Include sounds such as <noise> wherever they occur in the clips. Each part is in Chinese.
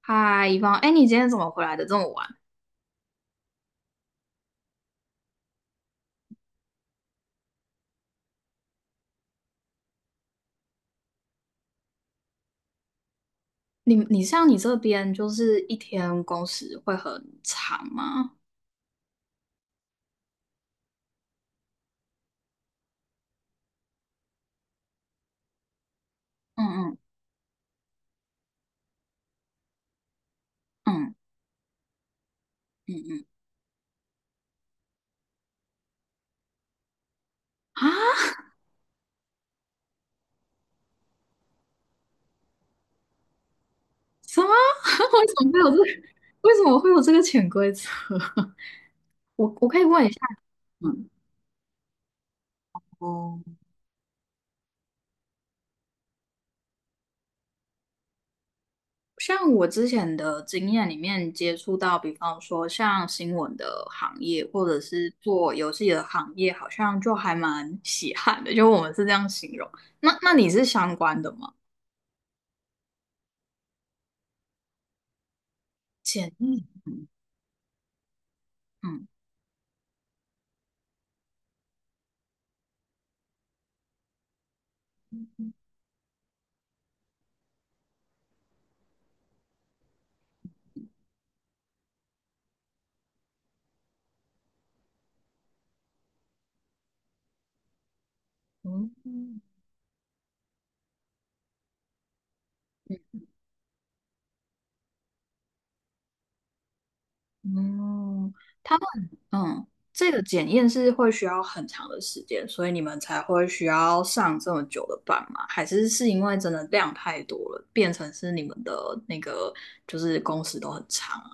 嗨，一方，哎，你今天怎么回来的这么晚？像你这边就是一天工时会很长吗？嗯嗯嗯嗯嗯啊？什么？<laughs> 为什么会有这个为什么会有这个潜规则？<laughs> 我可以问一下你吗？哦，像我之前的经验里面接触到，比方说像新闻的行业，或者是做游戏的行业，好像就还蛮稀罕的，就我们是这样形容。那你是相关的吗？检验，股，嗯，哦，嗯，他们，嗯，这个检验是会需要很长的时间，所以你们才会需要上这么久的班吗？还是是因为真的量太多了，变成是你们的那个就是工时都很长啊？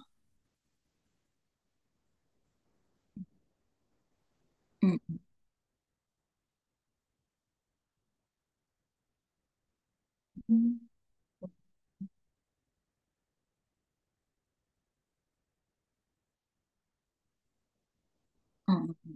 嗯嗯，嗯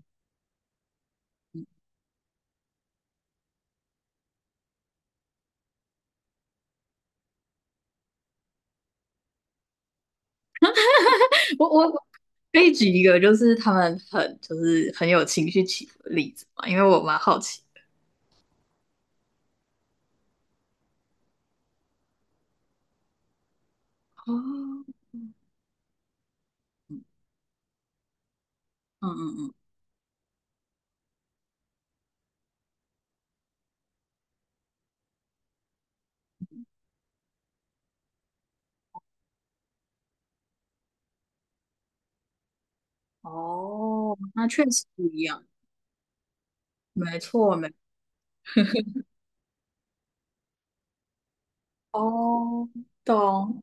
我可以举一个就是他们很就是很有情绪起伏的例子嘛，因为我蛮好奇。哦，嗯嗯嗯，哦，那确实不一样。没错，没，哦，懂。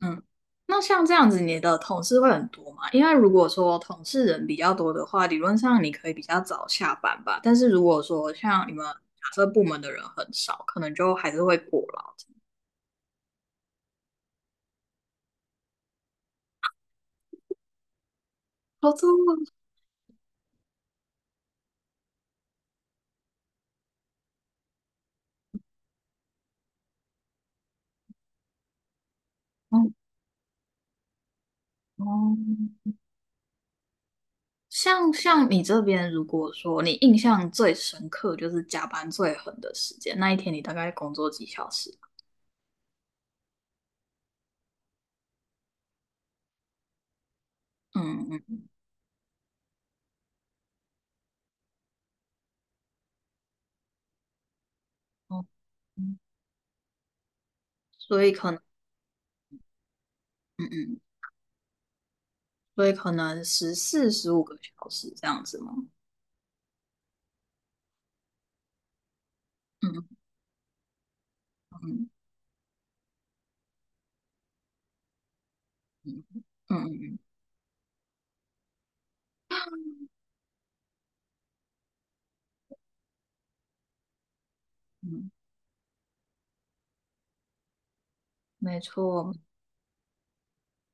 嗯，那像这样子，你的同事会很多嘛？因为如果说同事人比较多的话，理论上你可以比较早下班吧。但是如果说像你们假设部门的人很少，可能就还是会过劳。哦，这么嗯，哦，像你这边，如果说你印象最深刻就是加班最狠的时间，那一天你大概工作几小时？嗯嗯，哦，嗯所以可能，嗯嗯。所以可能14、15个小时这样子吗？嗯嗯嗯嗯嗯，没错。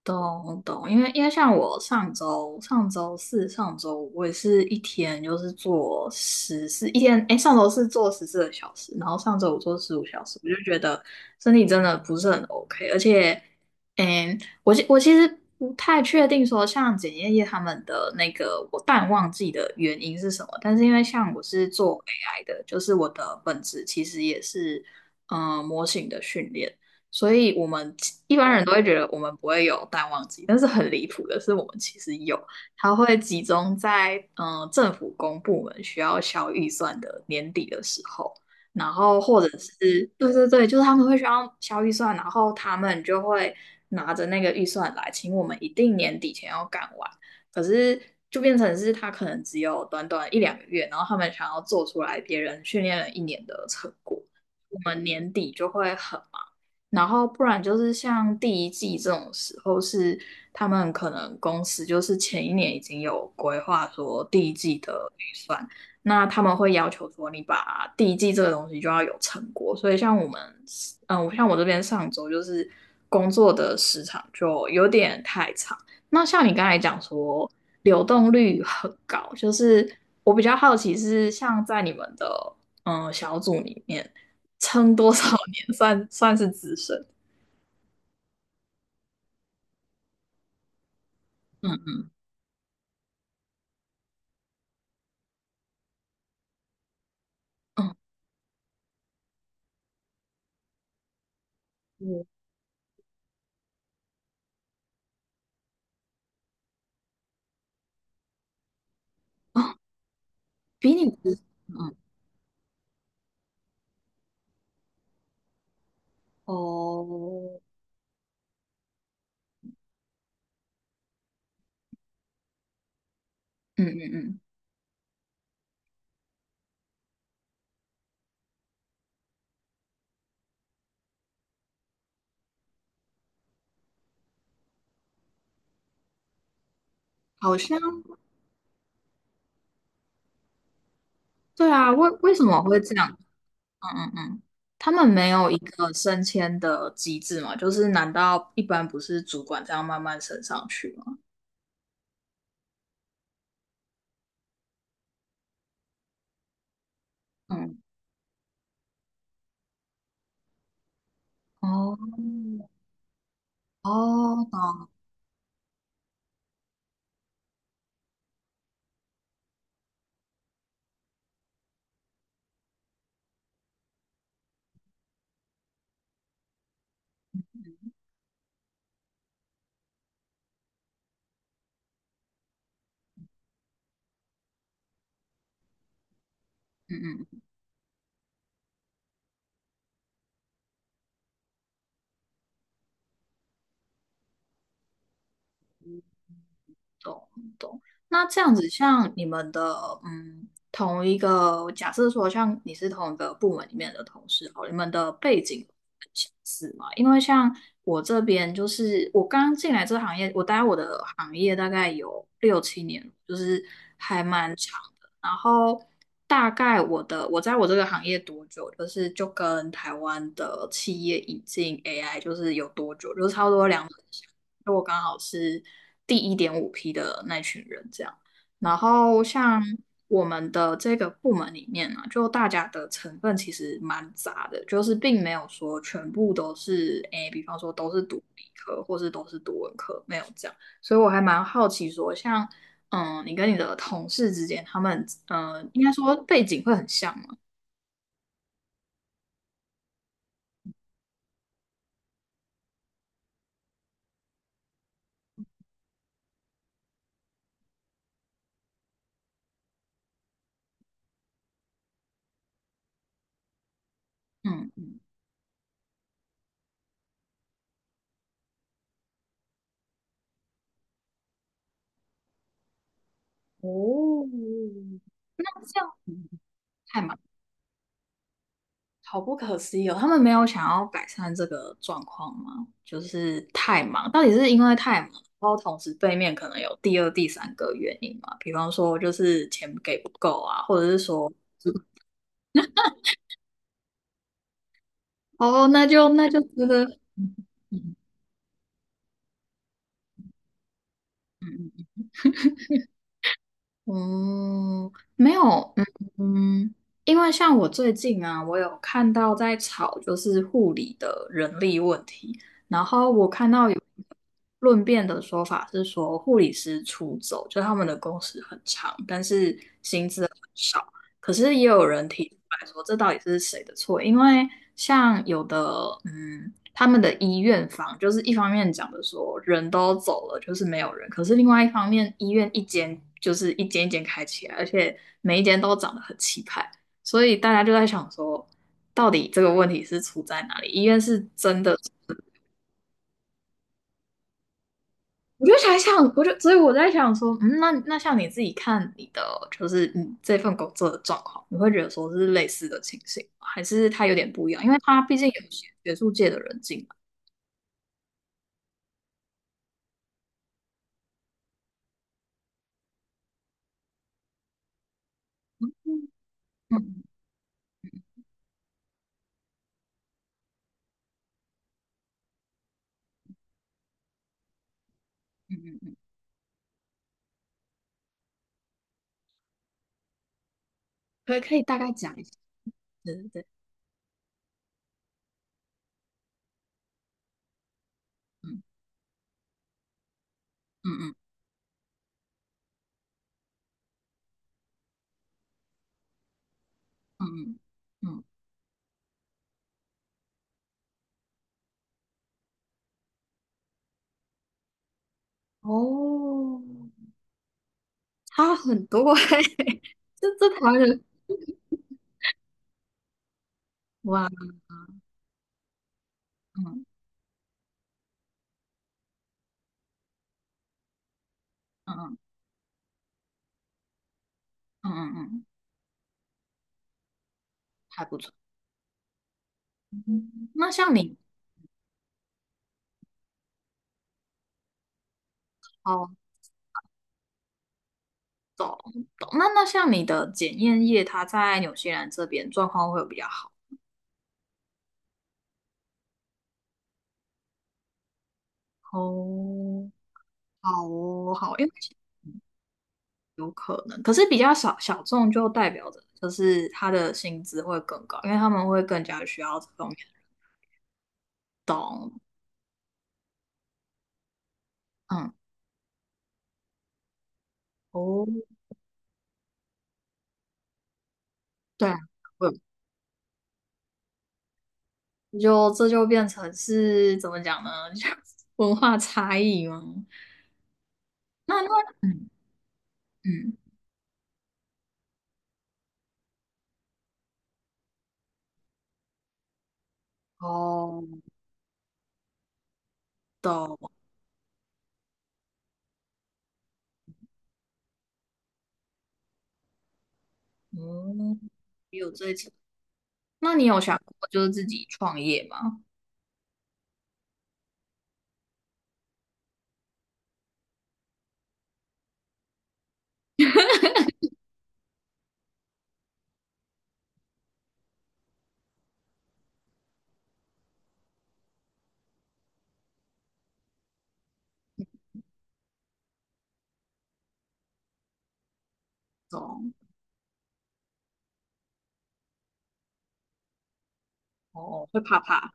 懂懂，因为像我上周四上周五我也是一天就是做十四一天，哎，上周四做14个小时，然后上周五做15小时，我就觉得身体真的不是很 OK，而且，嗯，我其实不太确定说像检验业他们的那个我淡旺季的原因是什么，但是因为像我是做 AI 的，就是我的本质其实也是模型的训练。所以我们一般人都会觉得我们不会有淡旺季，但是很离谱的是，我们其实有，它会集中在政府公部门需要消预算的年底的时候，然后或者是对对对，就是他们会需要消预算，然后他们就会拿着那个预算来请我们一定年底前要干完，可是就变成是他可能只有短短一两个月，然后他们想要做出来别人训练了一年的成果。我们年底就会很忙，然后不然就是像第一季这种时候是，他们可能公司就是前一年已经有规划说第一季的预算，那他们会要求说你把第一季这个东西就要有成果。所以像我们，嗯，像我这边上周就是工作的时长就有点太长。那像你刚才讲说流动率很高，就是我比较好奇是像在你们的嗯小组里面。撑多少年 <laughs> 算算是资深？嗯，嗯，哦，比你资深，嗯哦，嗯嗯嗯，好像对啊，为什么会这样？嗯嗯嗯，他们没有一个升迁的机制嘛？就是难道一般不是主管这样慢慢升上去吗？嗯，哦嗯哦，懂，嗯嗯。懂懂。那这样子，像你们的，嗯，同一个，假设说像你是同一个部门里面的同事，哦，你们的背景很相似嘛？因为像我这边，就是我刚进来这个行业，我待我的行业大概有六七年，就是还蛮长。然后大概我在我这个行业多久，就是就跟台湾的企业引进 AI 就是有多久，就是差不多2年前就我刚好是第1.5批的那群人这样。然后像我们的这个部门里面呢、啊，就大家的成分其实蛮杂的，就是并没有说全部都是诶，比方说都是读理科或是都是读文科，没有这样。所以我还蛮好奇说，像嗯，你跟你的同事之间，他们应该说背景会很像嘛？嗯，哦，那这样太忙，好不可思议哦。他们没有想要改善这个状况吗？就是太忙，到底是因为太忙，然后同时背面可能有第二、第三个原因嘛？比方说就是钱给不够啊，或者是说哦，那就觉得。哦，没有，嗯嗯，因为像我最近啊，我有看到在吵就是护理的人力问题，然后我看到有论辩的说法是说护理师出走，就他们的工时很长，但是薪资。可是也有人提出来说，这到底是谁的错？因为像有的，嗯，他们的医院方就是一方面讲的说人都走了，就是没有人，可是另外一方面，医院一间就是一间一间开起来，而且每一间都长得很气派，所以大家就在想说，到底这个问题是出在哪里？医院是真的。我就才想，所以我在想说，嗯，那像你自己看你的，就是你这份工作的状况，你会觉得说是类似的情形吗还是它有点不一样？因为它毕竟有些学术界的人进来。嗯嗯嗯嗯嗯，可以可以大概讲一下。对对对，嗯嗯嗯嗯嗯，嗯哦，差很多哎欸 <laughs> 这台湾的哇，嗯嗯嗯嗯嗯，还不错。嗯那像你哦。懂那像你的检验业，它在纽西兰这边状况会有比较好哦，好哦，好，因为可是比较小众，就代表着就是他的薪资会更高，因为他们会更加需要这方面。嗯，哦，对啊，会这就变成是怎么讲呢？<laughs> 就文化差异吗？那嗯嗯，哦，懂，嗯，也有这一层。那你有想过就是自己创业吗？懂。哦，会怕怕。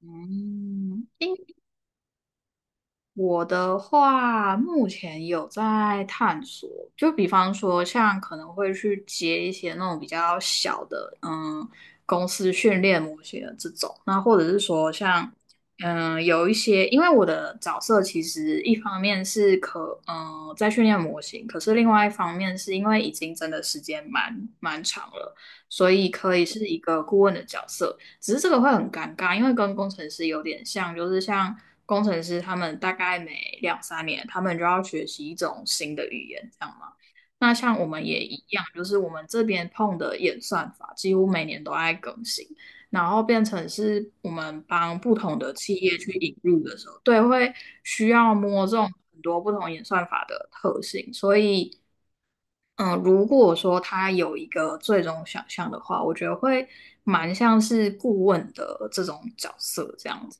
嗯，因我的话，目前有在探索，就比方说，像可能会去接一些那种比较小的，嗯，公司训练模型的这种，那或者是说像，嗯，有一些，因为我的角色其实一方面是可，嗯，在训练模型，可是另外一方面是因为已经真的时间蛮长了，所以可以是一个顾问的角色。只是这个会很尴尬，因为跟工程师有点像，就是像工程师他们大概每两三年，他们就要学习一种新的语言，这样嘛。那像我们也一样，就是我们这边碰的演算法几乎每年都在更新，然后变成是我们帮不同的企业去引入的时候，对，会需要摸这种很多不同演算法的特性，所以嗯，如果说他有一个最终想象的话，我觉得会蛮像是顾问的这种角色这样子。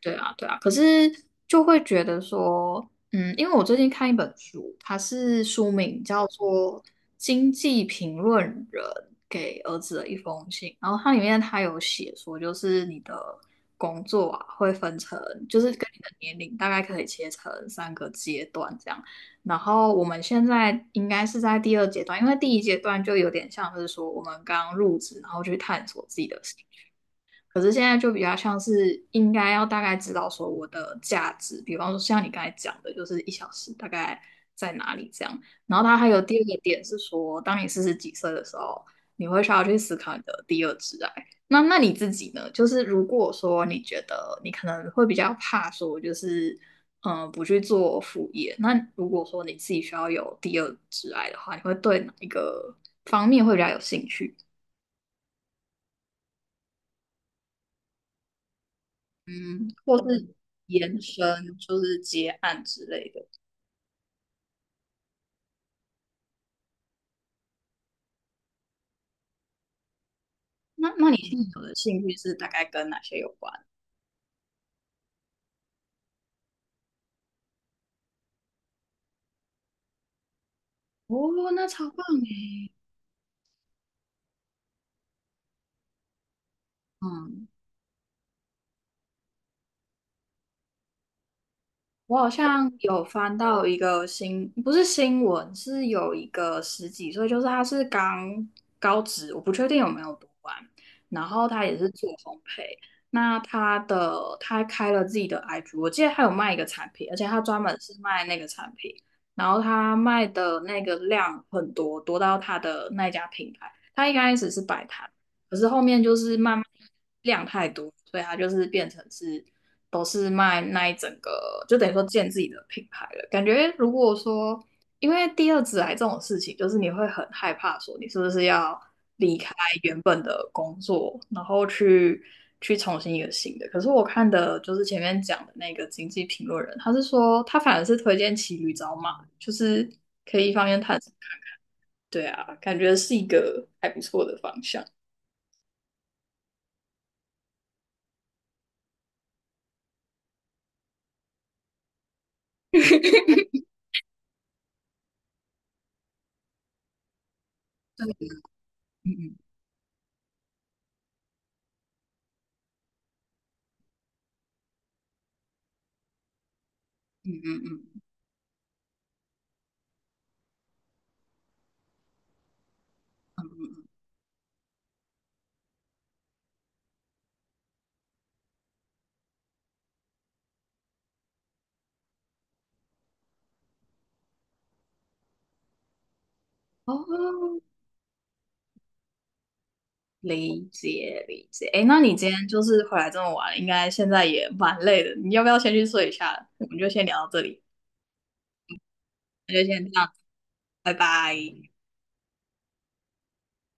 对啊，对啊，可是就会觉得说，嗯，因为我最近看一本书，它是书名叫做《经济评论人给儿子的一封信》，然后它里面它有写说，就是你的工作啊会分成，就是跟你的年龄大概可以切成三个阶段这样，然后我们现在应该是在第二阶段，因为第一阶段就有点像是说我们刚入职，然后去探索自己的兴可是现在就比较像是应该要大概知道说我的价值，比方说像你刚才讲的，就是1小时大概在哪里这样。然后它还有第二个点是说，当你40几岁的时候，你会需要去思考你的第二挚爱。那你自己呢？就是如果说你觉得你可能会比较怕说，就是不去做副业，那如果说你自己需要有第二挚爱的话，你会对哪一个方面会比较有兴趣？或是延伸，就是接案之类的。那你现在有的兴趣是大概跟哪些有关？哦，那超棒诶。嗯。我好像有翻到一个新，不是新闻，是有一个十几岁，就是他是刚高职，我不确定有没有读完，然后他也是做烘焙，那他开了自己的 IG，我记得他有卖一个产品，而且他专门是卖那个产品，然后他卖的那个量很多，多到他的那家品牌，他一开始是摆摊，可是后面就是慢慢量太多，所以他就是变成是。都是卖那一整个，就等于说建自己的品牌了。感觉如果说，因为第二职来这种事情，就是你会很害怕，说你是不是要离开原本的工作，然后去重新一个新的。可是我看的就是前面讲的那个经济评论人，他是说他反而是推荐骑驴找马，就是可以一方面探索，对啊，感觉是一个还不错的方向。<laughs> 嗯嗯嗯嗯嗯，哦，理解理解。哎，那你今天就是回来这么晚，应该现在也蛮累的，你要不要先去睡一下？我们就先聊到这里，那就先这样，拜拜。